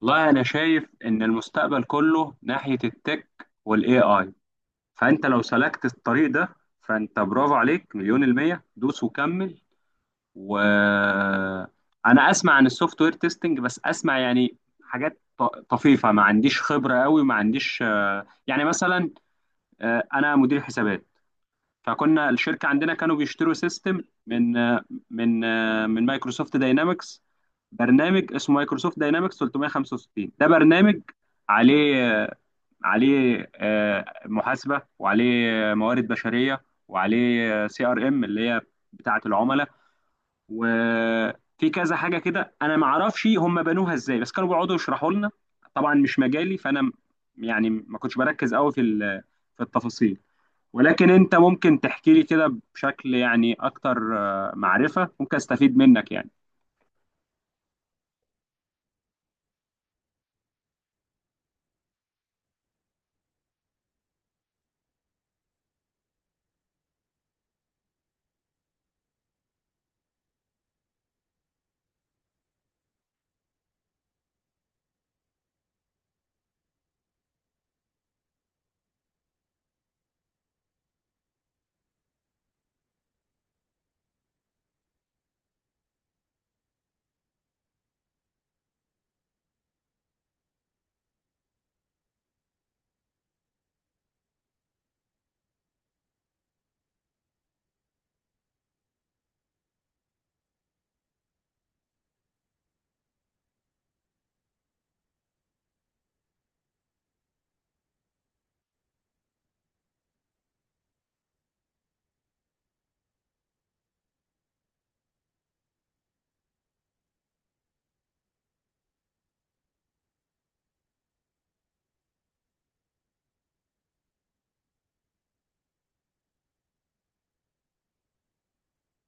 والله انا شايف ان المستقبل كله ناحية التك والاي اي. فانت لو سلكت الطريق ده، فانت برافو عليك مليون المية، دوس وكمل. و انا اسمع عن السوفت وير تيستنج، بس اسمع يعني حاجات طفيفة. ما عنديش خبرة قوي، ما عنديش، يعني مثلا، انا مدير حسابات. فكنا الشركة عندنا كانوا بيشتروا سيستم من من من مايكروسوفت داينامكس. برنامج اسمه مايكروسوفت داينامكس 365. ده برنامج عليه عليه محاسبة، وعليه موارد بشرية، وعليه سي ار ام، اللي هي بتاعة العملاء. وفي كذا حاجة كده، انا ما اعرفش هم بنوها ازاي، بس كانوا بيقعدوا يشرحوا لنا. طبعا مش مجالي، فانا يعني ما كنتش بركز قوي في التفاصيل. ولكن انت ممكن تحكي لي كده بشكل يعني اكتر معرفة، ممكن استفيد منك يعني.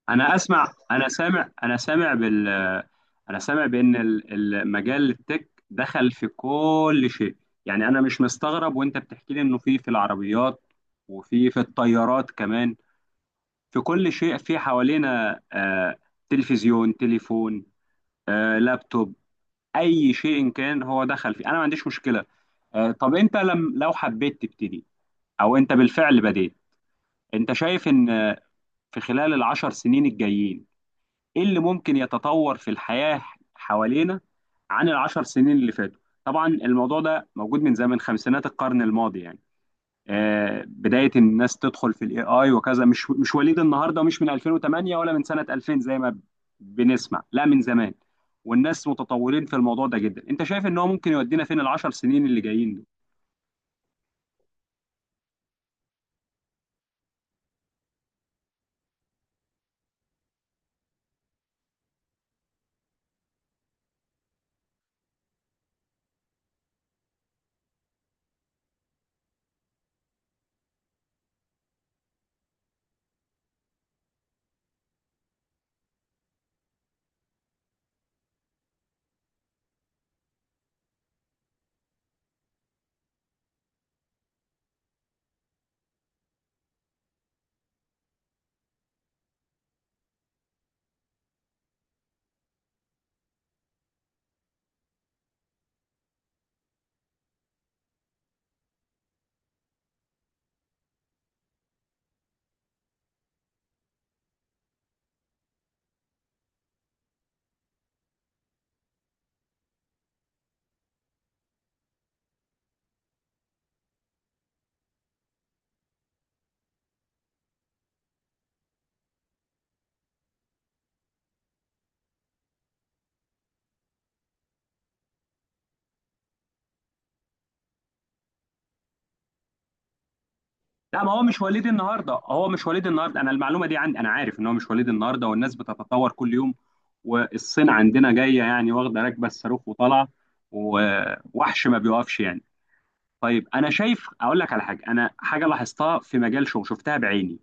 انا اسمع انا سامع انا سامع بال آه، انا سامع بان المجال التك دخل في كل شيء. يعني انا مش مستغرب وانت بتحكي لي انه في العربيات، وفي الطيارات كمان. في كل شيء في حوالينا، تلفزيون، تليفون، لابتوب. اي شيء إن كان هو دخل فيه، انا ما عنديش مشكلة. طب انت لم لو حبيت تبتدي، او انت بالفعل بديت، انت شايف ان في خلال العشر سنين الجايين ايه اللي ممكن يتطور في الحياة حوالينا عن العشر سنين اللي فاتوا؟ طبعا الموضوع ده موجود من زمن خمسينات القرن الماضي، يعني بداية الناس تدخل في الاي اي وكذا. مش وليد النهارده، ومش من 2008 ولا من سنة 2000 زي ما بنسمع، لا، من زمان، والناس متطورين في الموضوع ده جدا. انت شايف ان هو ممكن يودينا فين العشر سنين اللي جايين دول؟ لا، ما هو مش وليد النهارده، هو مش وليد النهارده. انا المعلومه دي عندي، انا عارف ان هو مش وليد النهارده والناس بتتطور كل يوم. والصين عندنا جايه يعني، واخده راكبه الصاروخ وطالعه، ووحش ما بيوقفش يعني. طيب انا شايف، اقول لك على حاجه انا حاجه لاحظتها في مجال شغل، شفتها بعيني.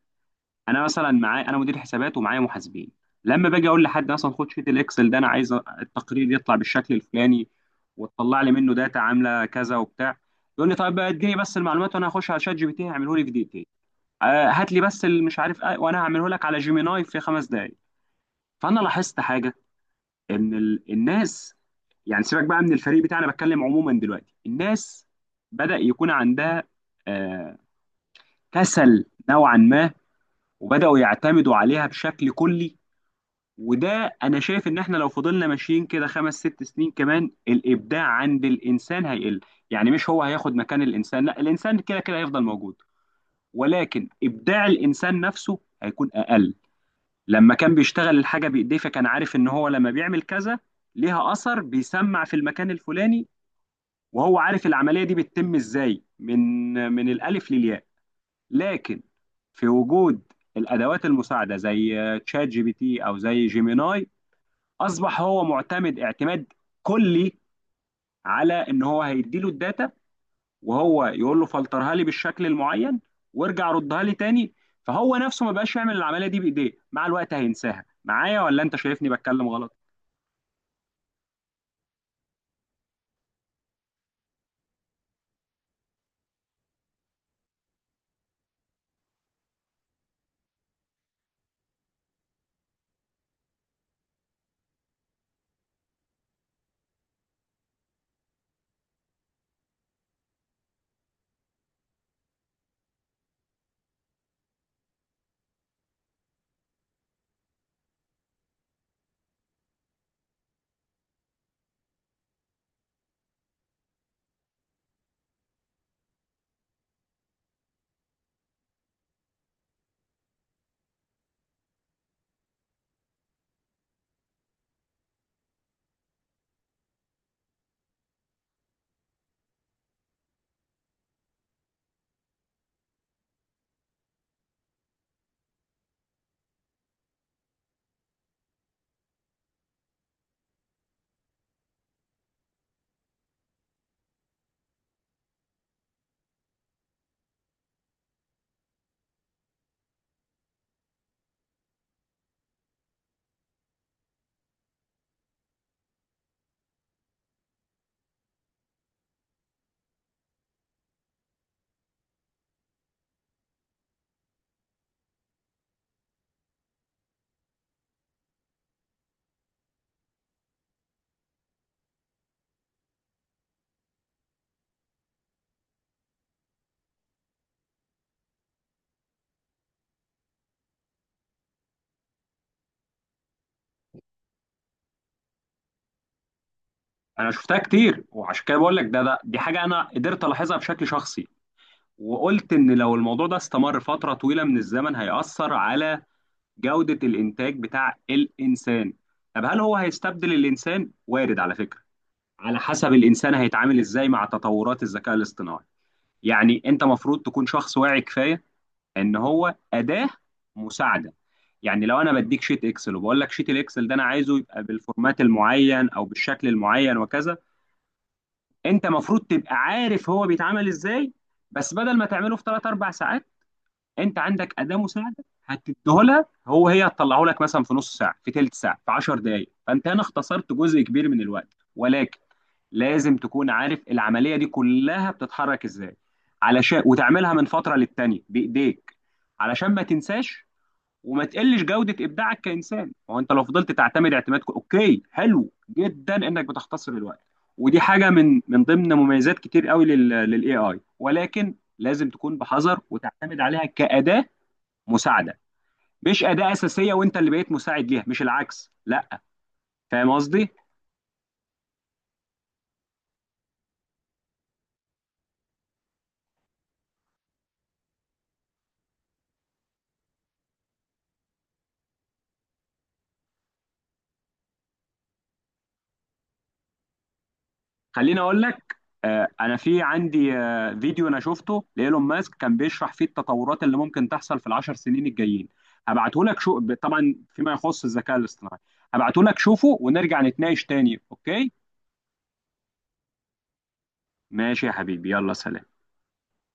انا مثلا معايا، انا مدير حسابات ومعايا محاسبين. لما باجي اقول لحد مثلا، خد شيت الاكسل ده، انا عايز التقرير يطلع بالشكل الفلاني، وتطلع لي منه داتا عامله كذا وبتاع. يقول لي، طيب اديني بس المعلومات، وانا هخش على شات جي بي تي هيعمله لي في دقيقتين. هات لي بس اللي مش عارف، وانا هعمله لك على جيميناي في 5 دقائق. فانا لاحظت حاجه، ان الناس، يعني سيبك بقى من الفريق بتاعنا، بتكلم عموما، دلوقتي الناس بدأ يكون عندها، آه، كسل نوعا ما، وبدأوا يعتمدوا عليها بشكل كلي. وده انا شايف ان احنا لو فضلنا ماشيين كده خمس ست سنين كمان، الابداع عند الانسان هيقل. يعني مش هو هياخد مكان الانسان، لا، الانسان كده كده هيفضل موجود، ولكن ابداع الانسان نفسه هيكون اقل. لما كان بيشتغل الحاجة بإيديه، فكان عارف إن هو لما بيعمل كذا ليها أثر بيسمع في المكان الفلاني، وهو عارف العملية دي بتتم إزاي من الألف للياء. لكن في وجود الأدوات المساعدة زي تشات جي بي تي أو زي جيميناي، أصبح هو معتمد اعتماد كلي على إن هو هيديله الداتا، وهو يقول له فلترها لي بالشكل المعين، وارجع ردها لي تاني. فهو نفسه ما بقاش يعمل العملية دي بإيديه، مع الوقت هينساها. معايا ولا أنت شايفني بتكلم غلط؟ انا شفتها كتير، وعشان كده بقول لك ده ده دي حاجه انا قدرت الاحظها بشكل شخصي، وقلت ان لو الموضوع ده استمر فتره طويله من الزمن، هيأثر على جوده الانتاج بتاع الانسان. طب هل هو هيستبدل الانسان؟ وارد، على فكره. على حسب الانسان هيتعامل ازاي مع تطورات الذكاء الاصطناعي. يعني انت مفروض تكون شخص واعي كفايه ان هو اداه مساعده. يعني لو انا بديك شيت اكسل وبقول لك، شيت الاكسل ده انا عايزه يبقى بالفورمات المعين او بالشكل المعين وكذا، انت المفروض تبقى عارف هو بيتعمل ازاي. بس بدل ما تعمله في 3 4 ساعات، انت عندك اداة مساعدة هتديه لها، هي هتطلعه لك مثلا في نص ساعة، في تلت ساعة، في 10 دقائق. فانت هنا اختصرت جزء كبير من الوقت، ولكن لازم تكون عارف العملية دي كلها بتتحرك ازاي، علشان وتعملها من فترة للتانية بايديك، علشان ما تنساش وما تقلش جودة إبداعك كإنسان. هو أنت لو فضلت تعتمد اعتماد أوكي، حلو جدا إنك بتختصر الوقت، ودي حاجة من ضمن مميزات كتير قوي للاي اي، ولكن لازم تكون بحذر وتعتمد عليها كأداة مساعدة، مش أداة أساسية. وأنت اللي بقيت مساعد ليها، مش العكس، لا. فاهم قصدي؟ خليني اقول لك، انا في عندي، فيديو انا شفته لايلون ماسك كان بيشرح فيه التطورات اللي ممكن تحصل في العشر سنين الجايين. هبعته لك شو، طبعا فيما يخص الذكاء الاصطناعي. هبعته لك شوفه، ونرجع نتناقش تاني، اوكي؟ ماشي يا حبيبي، يلا سلام.